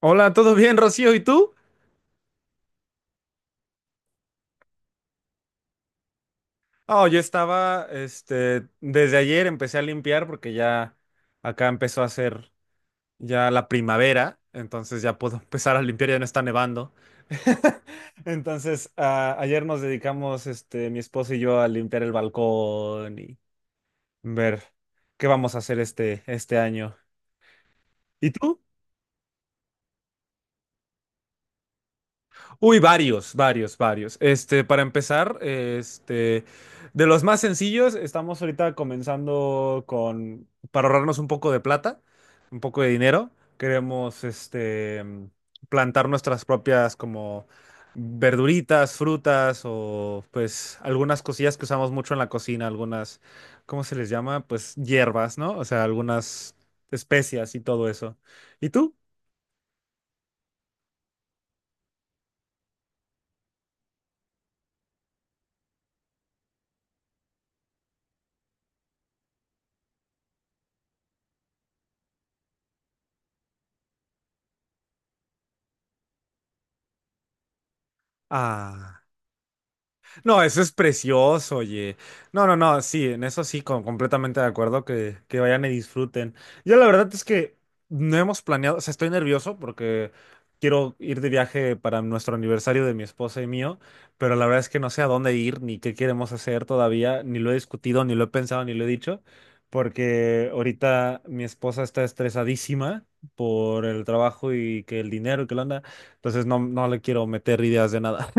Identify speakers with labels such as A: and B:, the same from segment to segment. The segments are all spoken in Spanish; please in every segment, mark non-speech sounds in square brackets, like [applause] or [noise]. A: Hola, ¿todo bien, Rocío? ¿Y tú? Oh, yo estaba, desde ayer empecé a limpiar porque ya acá empezó a hacer ya la primavera, entonces ya puedo [laughs] empezar a limpiar, ya no está nevando. [laughs] Entonces, ayer nos dedicamos, mi esposo y yo a limpiar el balcón y ver qué vamos a hacer este, este año. ¿Y tú? Uy, varios, varios, varios. Para empezar, de los más sencillos, estamos ahorita comenzando con, para ahorrarnos un poco de plata, un poco de dinero, queremos, plantar nuestras propias como verduritas, frutas o pues algunas cosillas que usamos mucho en la cocina, algunas, ¿cómo se les llama? Pues hierbas, ¿no? O sea, algunas especias y todo eso. ¿Y tú? Ah. No, eso es precioso, oye. No, no, no, sí, en eso sí, completamente de acuerdo que vayan y disfruten. Yo la verdad es que no hemos planeado, o sea, estoy nervioso porque quiero ir de viaje para nuestro aniversario de mi esposa y mío, pero la verdad es que no sé a dónde ir ni qué queremos hacer todavía, ni lo he discutido, ni lo he pensado, ni lo he dicho, porque ahorita mi esposa está estresadísima por el trabajo y que el dinero y que la anda, entonces no, no le quiero meter ideas de nada.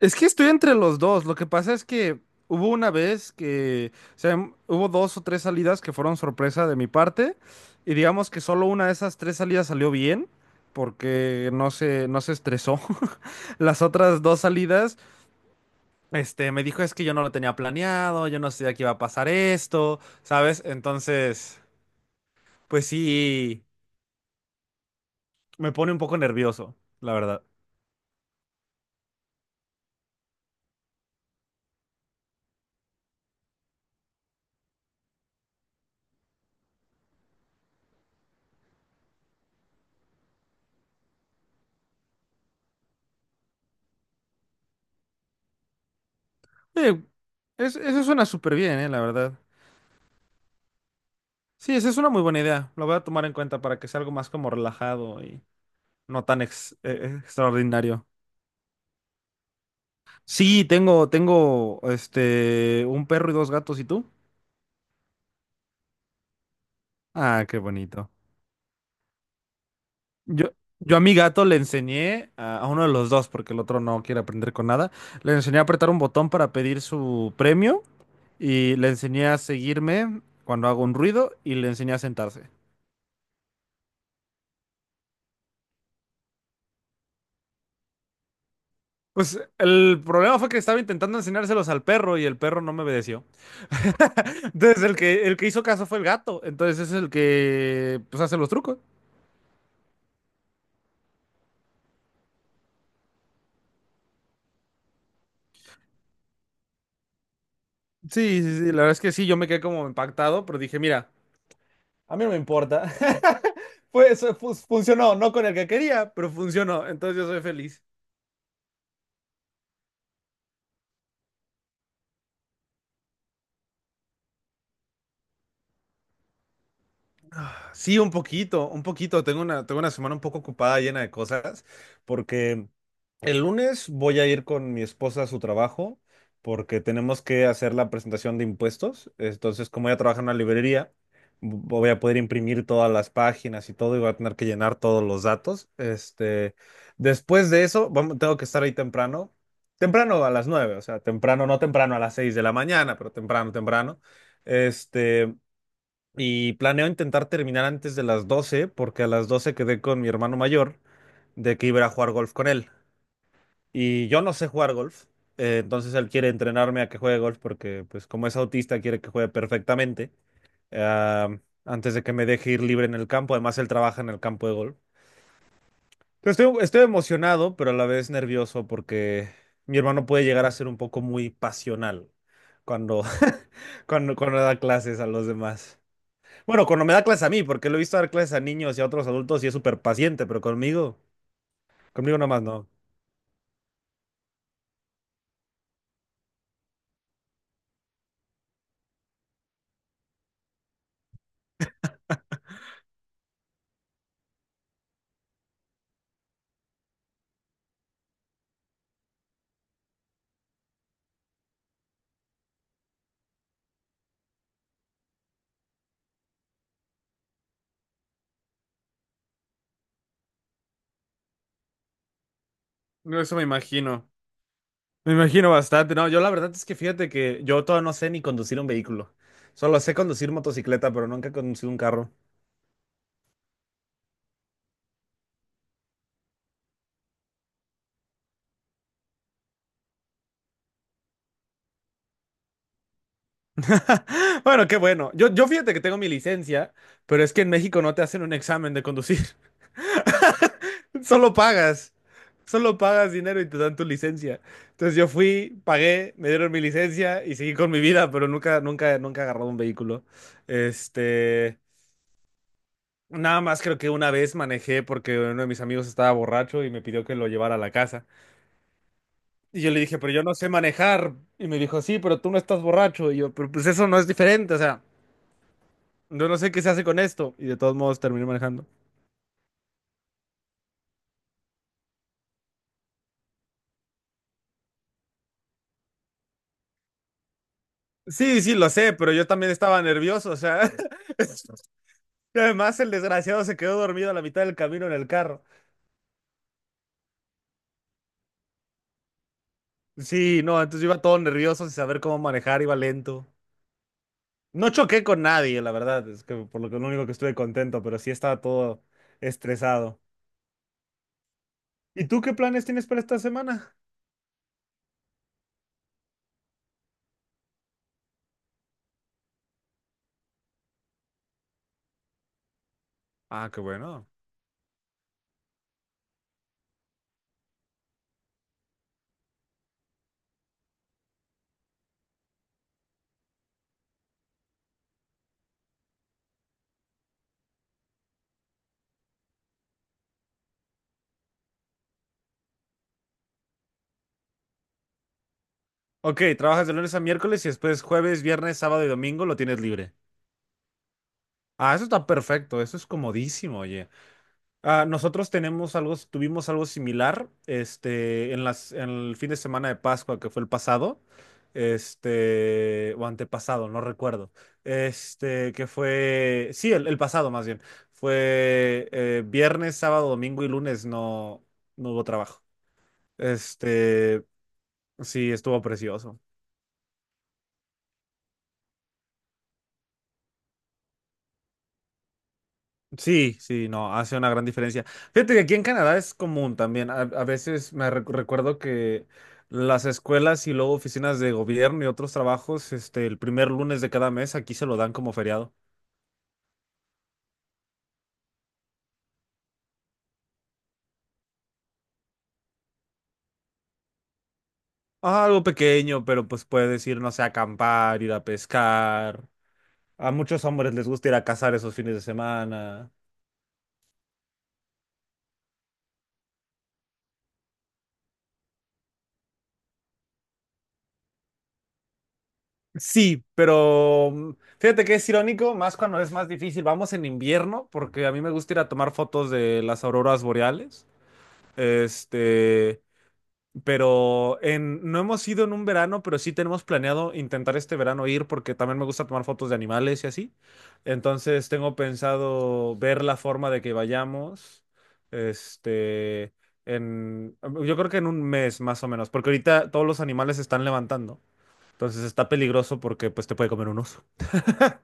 A: Es que estoy entre los dos. Lo que pasa es que hubo una vez que, o sea, hubo dos o tres salidas que fueron sorpresa de mi parte. Y digamos que solo una de esas tres salidas salió bien, porque no se estresó. [laughs] Las otras dos salidas, me dijo es que yo no lo tenía planeado, yo no sabía que iba a pasar esto, ¿sabes? Entonces, pues sí, me pone un poco nervioso, la verdad. Eh, eso suena súper bien, la verdad. Sí, esa es una muy buena idea. Lo voy a tomar en cuenta para que sea algo más como relajado y no tan extraordinario. Sí, tengo, un perro y dos gatos. ¿Y tú? Ah, qué bonito. Yo, yo a mi gato le enseñé a uno de los dos, porque el otro no quiere aprender con nada. Le enseñé a apretar un botón para pedir su premio y le enseñé a seguirme cuando hago un ruido y le enseñé a sentarse. Pues el problema fue que estaba intentando enseñárselos al perro y el perro no me obedeció. [laughs] Entonces el que hizo caso fue el gato, entonces es el que pues hace los trucos. Sí, sí, sí, la verdad es que sí, yo me quedé como impactado, pero dije, mira, a mí no me importa. [laughs] Pues funcionó, no con el que quería, pero funcionó, entonces yo soy feliz. Sí, un poquito, un poquito. Tengo una semana un poco ocupada, llena de cosas, porque el lunes voy a ir con mi esposa a su trabajo, porque tenemos que hacer la presentación de impuestos. Entonces, como ella trabaja en una librería, voy a poder imprimir todas las páginas y todo, y voy a tener que llenar todos los datos. Después de eso, tengo que estar ahí temprano, temprano a las 9, o sea, temprano, no temprano a las 6 de la mañana, pero temprano, temprano. Este, y planeo intentar terminar antes de las 12 porque a las 12 quedé con mi hermano mayor de que iba a ir a jugar golf con él. Y yo no sé jugar golf, entonces él quiere entrenarme a que juegue golf porque, pues, como es autista, quiere que juegue perfectamente ah, antes de que me deje ir libre en el campo. Además, él trabaja en el campo de golf. Entonces, estoy emocionado, pero a la vez nervioso porque mi hermano puede llegar a ser un poco muy pasional cuando, [laughs] cuando da clases a los demás. Bueno, cuando me da clases a mí, porque lo he visto dar clases a niños y a otros adultos y es súper paciente, pero conmigo, conmigo nomás no. No, eso me imagino. Me imagino bastante. No, yo la verdad es que fíjate que yo todavía no sé ni conducir un vehículo. Solo sé conducir motocicleta, pero nunca he conducido un carro. [laughs] Bueno, qué bueno. Yo fíjate que tengo mi licencia, pero es que en México no te hacen un examen de conducir. [laughs] Solo pagas. Solo pagas dinero y te dan tu licencia. Entonces yo fui, pagué, me dieron mi licencia y seguí con mi vida, pero nunca, nunca, nunca he agarrado un vehículo. Este, nada más creo que una vez manejé porque uno de mis amigos estaba borracho y me pidió que lo llevara a la casa. Y yo le dije, pero yo no sé manejar. Y me dijo, sí, pero tú no estás borracho. Y yo, pero pues eso no es diferente, o sea, yo no sé qué se hace con esto. Y de todos modos terminé manejando. Sí, sí, lo sé, pero yo también estaba nervioso, o sea. [laughs] Y además, el desgraciado se quedó dormido a la mitad del camino en el carro. Sí, no, entonces yo iba todo nervioso sin saber cómo manejar, iba lento. No choqué con nadie, la verdad, es que por lo que lo único que estuve contento, pero sí estaba todo estresado. ¿Y tú qué planes tienes para esta semana? Ah, qué bueno. Ok, trabajas de lunes a miércoles y después jueves, viernes, sábado y domingo lo tienes libre. Ah, eso está perfecto, eso es comodísimo, oye. Ah, nosotros tenemos algo, tuvimos algo similar, en las, en el fin de semana de Pascua, que fue el pasado, o antepasado, no recuerdo, que fue, sí, el pasado más bien, fue viernes, sábado, domingo y lunes no, no hubo trabajo. Este, sí, estuvo precioso. Sí, sí, no, hace una gran diferencia. Fíjate que aquí en Canadá es común también. A veces recuerdo que las escuelas y luego oficinas de gobierno y otros trabajos, el primer lunes de cada mes aquí se lo dan como feriado. Ah, algo pequeño, pero pues puedes ir, no sé, a acampar, ir a pescar. A muchos hombres les gusta ir a cazar esos fines de semana. Sí, pero fíjate que es irónico, más cuando es más difícil. Vamos en invierno, porque a mí me gusta ir a tomar fotos de las auroras boreales. Este, pero en, no hemos ido en un verano, pero sí tenemos planeado intentar este verano ir porque también me gusta tomar fotos de animales y así. Entonces tengo pensado ver la forma de que vayamos. Este, en, yo creo que en un mes más o menos, porque ahorita todos los animales se están levantando. Entonces está peligroso porque pues te puede comer un oso. [laughs]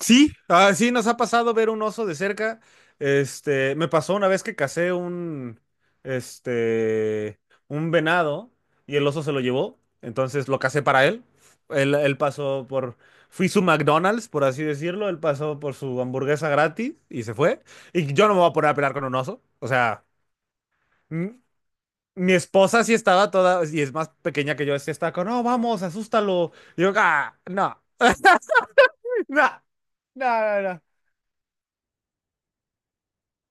A: Sí, ah, sí, nos ha pasado ver un oso de cerca. Me pasó una vez que casé este, un venado y el oso se lo llevó. Entonces lo casé para él. Él pasó por, fui su McDonald's, por así decirlo. Él pasó por su hamburguesa gratis y se fue. Y yo no me voy a poner a pelear con un oso. O sea, m- mi esposa sí estaba toda, y es más pequeña que yo, sí estaba con, no, vamos, asústalo. Y yo, ah, no, [laughs] no, no, no, no.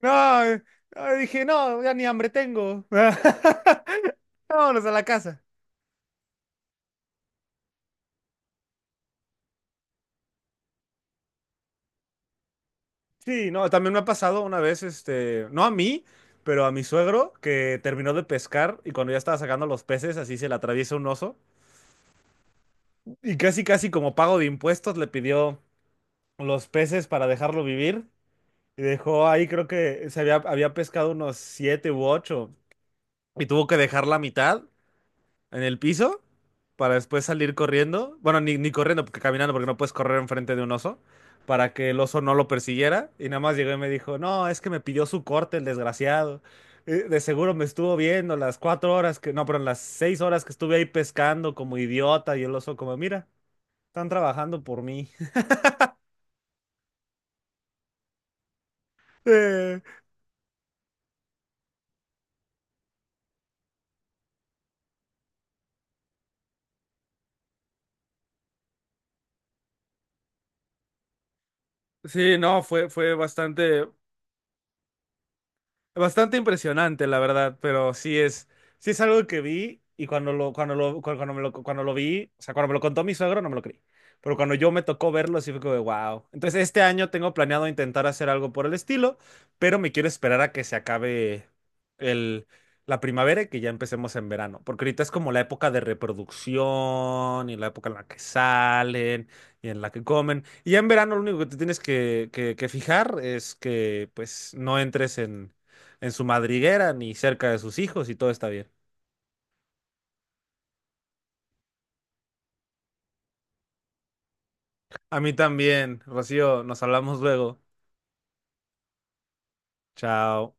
A: No, dije, no, ya ni hambre tengo. [laughs] Vámonos a la casa. Sí, no, también me ha pasado una vez, no a mí, pero a mi suegro, que terminó de pescar y cuando ya estaba sacando los peces, así se le atraviesa un oso. Y casi, casi como pago de impuestos, le pidió los peces para dejarlo vivir. Y dejó ahí, creo que había pescado unos 7 u 8. Y tuvo que dejar la mitad en el piso para después salir corriendo. Bueno, ni, ni corriendo, porque caminando, porque no puedes correr enfrente de un oso, para que el oso no lo persiguiera. Y nada más llegó y me dijo, no, es que me pidió su corte el desgraciado. De seguro me estuvo viendo las 4 horas que, no, pero las 6 horas que estuve ahí pescando como idiota y el oso como, mira, están trabajando por mí. [laughs] Eh, sí, no, fue bastante. Bastante impresionante, la verdad, pero sí es algo que vi y cuando lo vi, o sea, cuando me lo contó mi suegro no me lo creí, pero cuando yo me tocó verlo sí fue como de wow. Entonces este año tengo planeado intentar hacer algo por el estilo, pero me quiero esperar a que se acabe el, la primavera y que ya empecemos en verano, porque ahorita es como la época de reproducción y la época en la que salen y en la que comen. Y ya en verano lo único que te tienes que, que fijar es que pues no entres en su madriguera ni cerca de sus hijos y todo está bien. A mí también, Rocío, nos hablamos luego. Chao.